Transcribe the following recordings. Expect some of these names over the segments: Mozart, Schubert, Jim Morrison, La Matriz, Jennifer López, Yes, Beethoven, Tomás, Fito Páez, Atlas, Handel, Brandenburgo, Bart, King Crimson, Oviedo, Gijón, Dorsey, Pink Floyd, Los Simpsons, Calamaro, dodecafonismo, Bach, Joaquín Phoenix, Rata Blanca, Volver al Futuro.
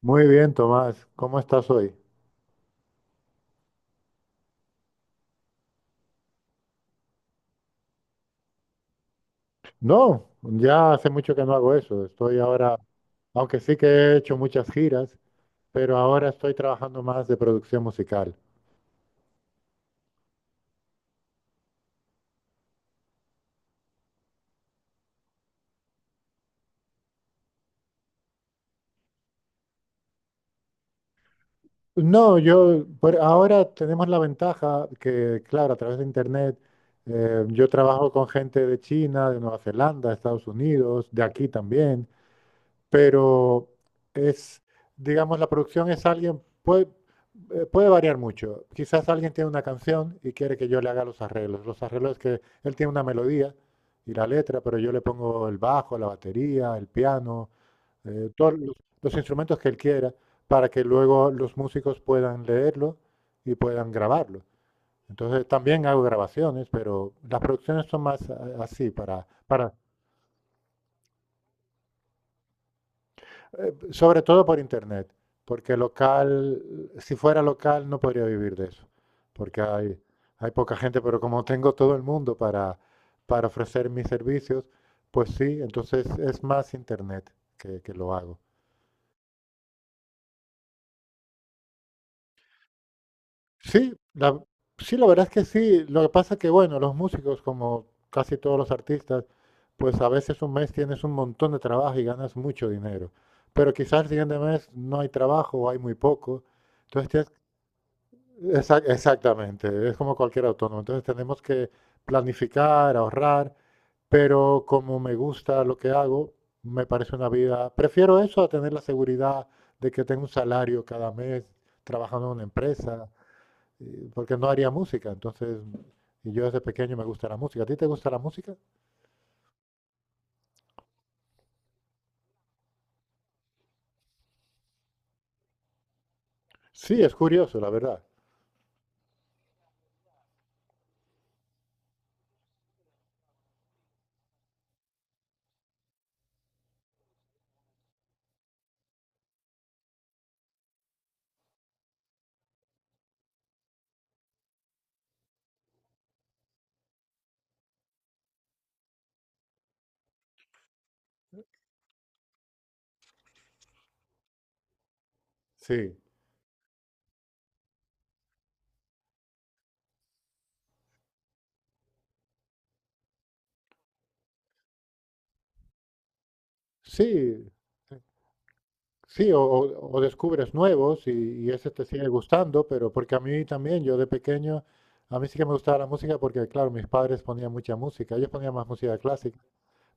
Muy bien, Tomás. ¿Cómo estás hoy? No, ya hace mucho que no hago eso. Estoy ahora, aunque sí que he hecho muchas giras, pero ahora estoy trabajando más de producción musical. No, yo, por ahora tenemos la ventaja que, claro, a través de internet, yo trabajo con gente de China, de Nueva Zelanda, Estados Unidos, de aquí también. Pero es, digamos, la producción es alguien, puede variar mucho. Quizás alguien tiene una canción y quiere que yo le haga los arreglos. Los arreglos es que él tiene una melodía y la letra, pero yo le pongo el bajo, la batería, el piano, todos los instrumentos que él quiera, para que luego los músicos puedan leerlo y puedan grabarlo. Entonces también hago grabaciones, pero las producciones son más así, para. Sobre todo por internet, porque local, si fuera local no podría vivir de eso, porque hay poca gente, pero como tengo todo el mundo para, ofrecer mis servicios, pues sí, entonces es más internet que lo hago. Sí, la, sí, la verdad es que sí, lo que pasa es que, bueno, los músicos, como casi todos los artistas, pues a veces un mes tienes un montón de trabajo y ganas mucho dinero, pero quizás el siguiente mes no hay trabajo o hay muy poco, entonces tienes. Exactamente, es como cualquier autónomo. Entonces tenemos que planificar, ahorrar, pero como me gusta lo que hago, me parece una vida, prefiero eso a tener la seguridad de que tengo un salario cada mes trabajando en una empresa, porque no haría música. Entonces, y yo desde pequeño me gusta la música. ¿A ti te gusta la música? Sí, es curioso, la verdad. Sí, sí, sí. O descubres nuevos y ese te sigue gustando, pero porque a mí también, yo de pequeño, a mí sí que me gustaba la música porque, claro, mis padres ponían mucha música, ellos ponían más música clásica,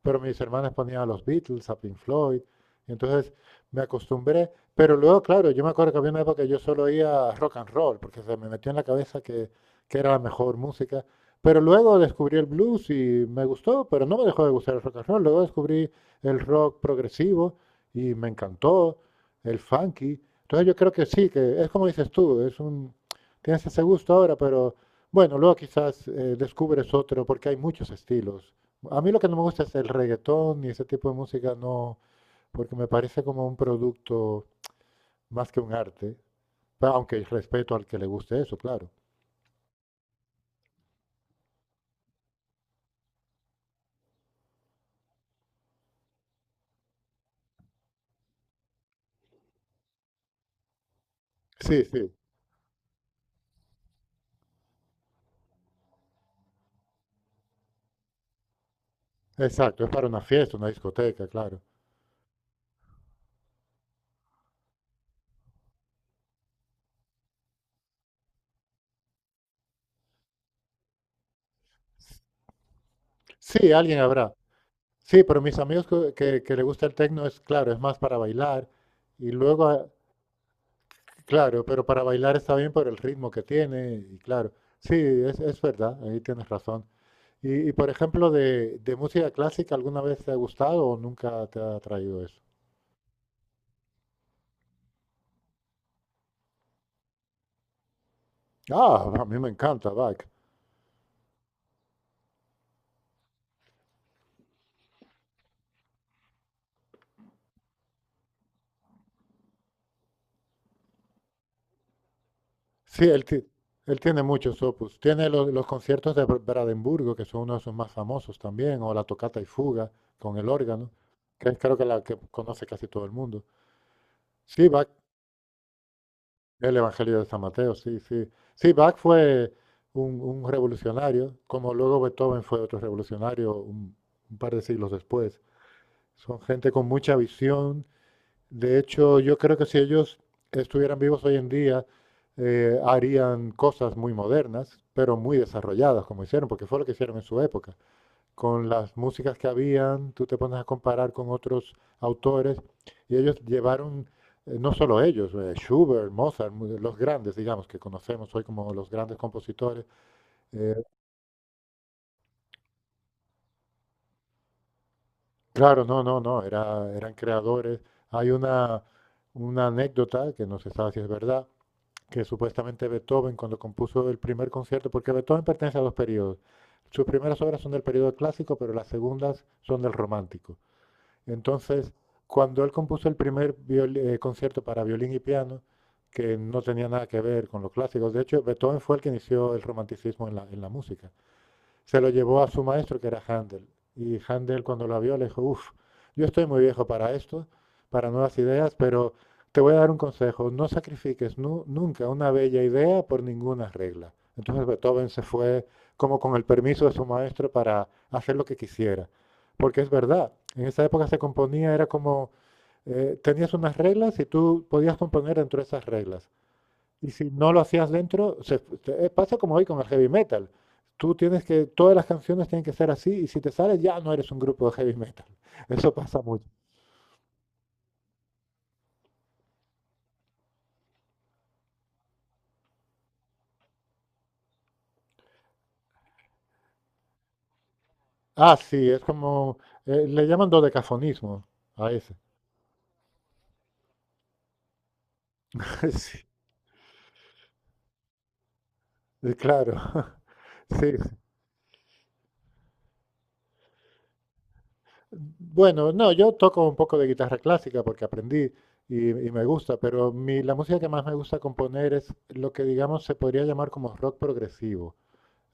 pero mis hermanas ponían a los Beatles, a Pink Floyd, y entonces me acostumbré, pero luego, claro, yo me acuerdo que había una época que yo solo oía rock and roll, porque se me metió en la cabeza que era la mejor música, pero luego descubrí el blues y me gustó, pero no me dejó de gustar el rock and roll, luego descubrí el rock progresivo y me encantó, el funky, entonces yo creo que sí, que es como dices tú, tienes ese gusto ahora, pero bueno, luego quizás descubres otro, porque hay muchos estilos. A mí lo que no me gusta es el reggaetón y ese tipo de música, no, porque me parece como un producto más que un arte, aunque respeto al que le guste eso, claro. Sí, sí, exacto, es para una fiesta, una discoteca, claro. Sí, alguien habrá. Sí, pero mis amigos que le gusta el techno es, claro, es más para bailar. Y luego, ah, claro, pero para bailar está bien por el ritmo que tiene, y claro. Sí, es verdad, ahí tienes razón. Y, por ejemplo, de música clásica, ¿alguna vez te ha gustado o nunca te ha atraído eso? Ah, a mí me encanta Bach. Sí, él tiene muchos opus. Tiene los conciertos de Brandenburgo, que son uno de sus más famosos también, o la tocata y fuga con el órgano, que es creo que la que conoce casi todo el mundo. Sí, Bach, el Evangelio de San Mateo, sí, sí. Sí, Bach fue un revolucionario, como luego Beethoven fue otro revolucionario un par de siglos después. Son gente con mucha visión. De hecho, yo creo que si ellos estuvieran vivos hoy en día, harían cosas muy modernas, pero muy desarrolladas, como hicieron, porque fue lo que hicieron en su época. Con las músicas que habían, tú te pones a comparar con otros autores, y ellos llevaron, no solo ellos, Schubert, Mozart, los grandes, digamos, que conocemos hoy como los grandes compositores. eh, claro no, no, no, eran creadores. Hay una anécdota, que no se sabe si es verdad, que supuestamente Beethoven cuando compuso el primer concierto, porque Beethoven pertenece a dos periodos. Sus primeras obras son del periodo clásico, pero las segundas son del romántico. Entonces, cuando él compuso el primer concierto para violín y piano, que no tenía nada que ver con los clásicos, de hecho, Beethoven fue el que inició el romanticismo en la música. Se lo llevó a su maestro, que era Handel. Y Handel, cuando lo vio, le dijo, uff, yo estoy muy viejo para esto, para nuevas ideas, pero te voy a dar un consejo. No sacrifiques nunca una bella idea por ninguna regla. Entonces Beethoven se fue como con el permiso de su maestro para hacer lo que quisiera. Porque es verdad, en esa época se componía, era como, tenías unas reglas y tú podías componer dentro de esas reglas. Y si no lo hacías dentro, pasa como hoy con el heavy metal. Tú tienes que, todas las canciones tienen que ser así y si te sales ya no eres un grupo de heavy metal. Eso pasa mucho. Ah, sí, es como, le llaman dodecafonismo a ese. Sí, claro. Sí. Sí. Bueno, no, yo toco un poco de guitarra clásica porque aprendí y me gusta, pero la música que más me gusta componer es lo que digamos se podría llamar como rock progresivo,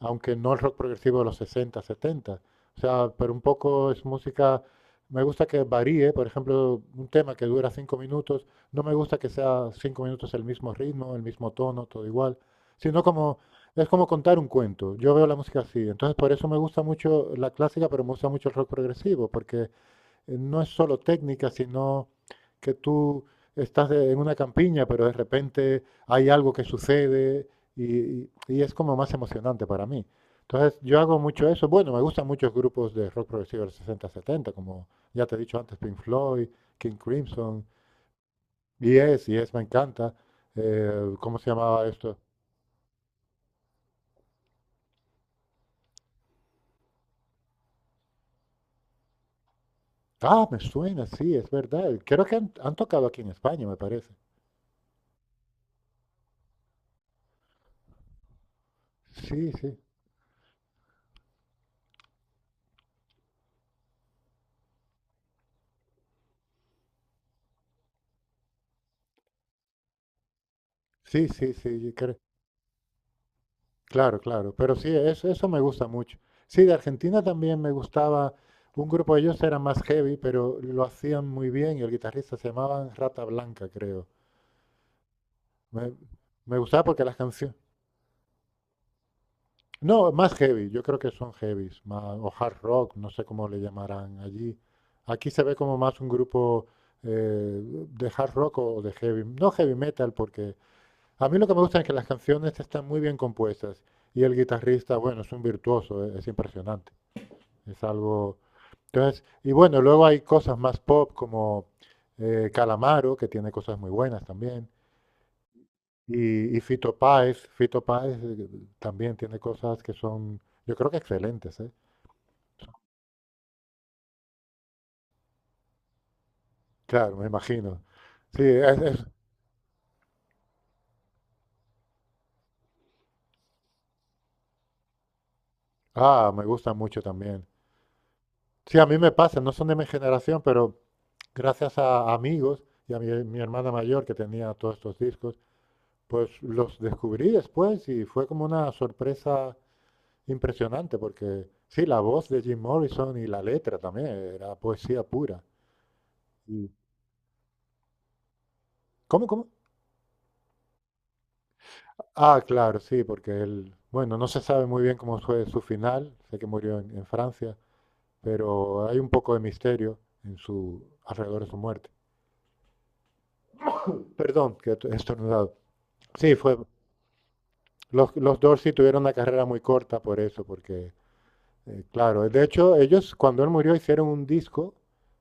aunque no el rock progresivo de los 60, 70. O sea, pero un poco es música, me gusta que varíe, por ejemplo, un tema que dura 5 minutos, no me gusta que sea 5 minutos el mismo ritmo, el mismo tono, todo igual, sino como, es como contar un cuento. Yo veo la música así, entonces por eso me gusta mucho la clásica, pero me gusta mucho el rock progresivo, porque no es solo técnica, sino que tú en una campiña, pero de repente hay algo que sucede y es como más emocionante para mí. Entonces, yo hago mucho eso. Bueno, me gustan muchos grupos de rock progresivo del 60 70, como ya te he dicho antes, Pink Floyd, King Crimson, Yes. Yes, me encanta. ¿Cómo se llamaba esto? Ah, me suena, sí, es verdad. Creo que han tocado aquí en España, me parece. Sí, sí, sí, sí, sí. Claro, claro, pero sí, eso me gusta mucho. Sí, de Argentina también me gustaba un grupo, ellos eran más heavy, pero lo hacían muy bien y el guitarrista se llamaba Rata Blanca, creo. Me, me gustaba porque las canciones. No, más heavy, yo creo que son heavies, más, o hard rock, no sé cómo le llamarán allí. Aquí se ve como más un grupo eh, de hard rock o de heavy, no heavy metal, porque a mí lo que me gusta es que las canciones están muy bien compuestas y el guitarrista, bueno, es un virtuoso, es impresionante. Es algo. Entonces, y bueno, luego hay cosas más pop como Calamaro, que tiene cosas muy buenas también. Y Fito Páez, también tiene cosas que son, yo creo que excelentes, ¿eh? Claro, me imagino. Sí, ah, me gusta mucho también. Sí, a mí me pasa, no son de mi generación, pero gracias a amigos y a mi hermana mayor que tenía todos estos discos, pues los descubrí después y fue como una sorpresa. Impresionante, porque sí, la voz de Jim Morrison y la letra también era poesía pura. Y- ¿Cómo? Ah, claro, sí, porque él, bueno, no se sabe muy bien cómo fue su final, sé que murió en Francia, pero hay un poco de misterio en alrededor de su muerte. Perdón, que he estornudado. Sí, los Dorsey tuvieron una carrera muy corta por eso, porque, claro, de hecho, ellos cuando él murió hicieron un disco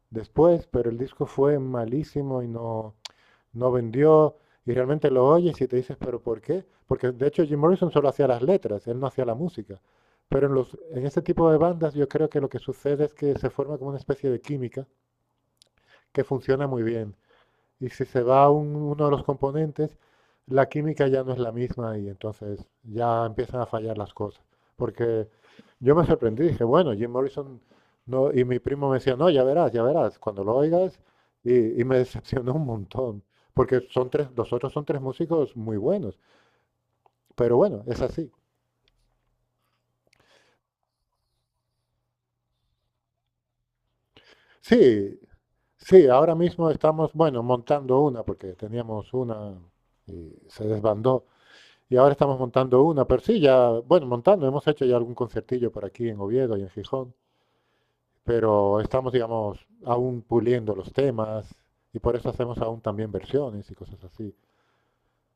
después, pero el disco fue malísimo y no vendió, y realmente lo oyes y te dices, ¿pero por qué? Porque de hecho Jim Morrison solo hacía las letras, él no hacía la música. Pero en ese tipo de bandas yo creo que lo que sucede es que se forma como una especie de química que funciona muy bien. Y si se va uno de los componentes, la química ya no es la misma y entonces ya empiezan a fallar las cosas. Porque yo me sorprendí, dije, bueno, Jim Morrison, no, y mi primo me decía, no, ya verás, cuando lo oigas, y me decepcionó un montón, porque son tres, los otros son tres músicos muy buenos, pero bueno, es así. Sí, sí, ahora mismo estamos, bueno, montando una, porque teníamos una y se desbandó. Y ahora estamos montando una, pero sí, ya, bueno, montando, hemos hecho ya algún concertillo por aquí en Oviedo y en Gijón, pero estamos, digamos, aún puliendo los temas y por eso hacemos aún también versiones y cosas así.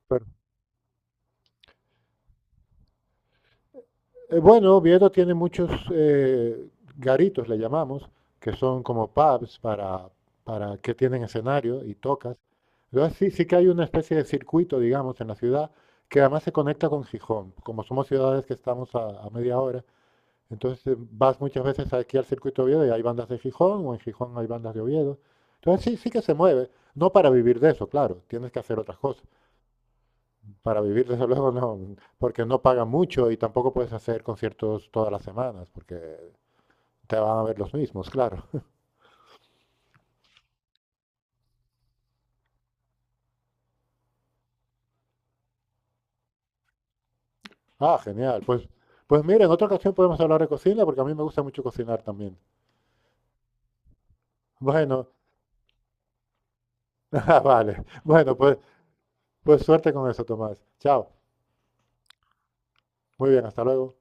Pero, bueno, Oviedo tiene muchos garitos, le llamamos, que son como pubs para, que tienen escenario y tocas. Entonces sí, sí que hay una especie de circuito, digamos, en la ciudad que además se conecta con Gijón. Como somos ciudades que estamos a media hora. Entonces vas muchas veces aquí al circuito de Oviedo y hay bandas de Gijón, o en Gijón hay bandas de Oviedo. Entonces sí, sí que se mueve. No para vivir de eso, claro, tienes que hacer otras cosas. Para vivir, desde luego, no, porque no pagan mucho y tampoco puedes hacer conciertos todas las semanas, porque te van a ver los mismos, claro. Ah, genial. Pues, mira, en otra ocasión podemos hablar de cocina, porque a mí me gusta mucho cocinar también. Bueno, ah, vale. Bueno, pues suerte con eso, Tomás. Chao. Muy bien, hasta luego.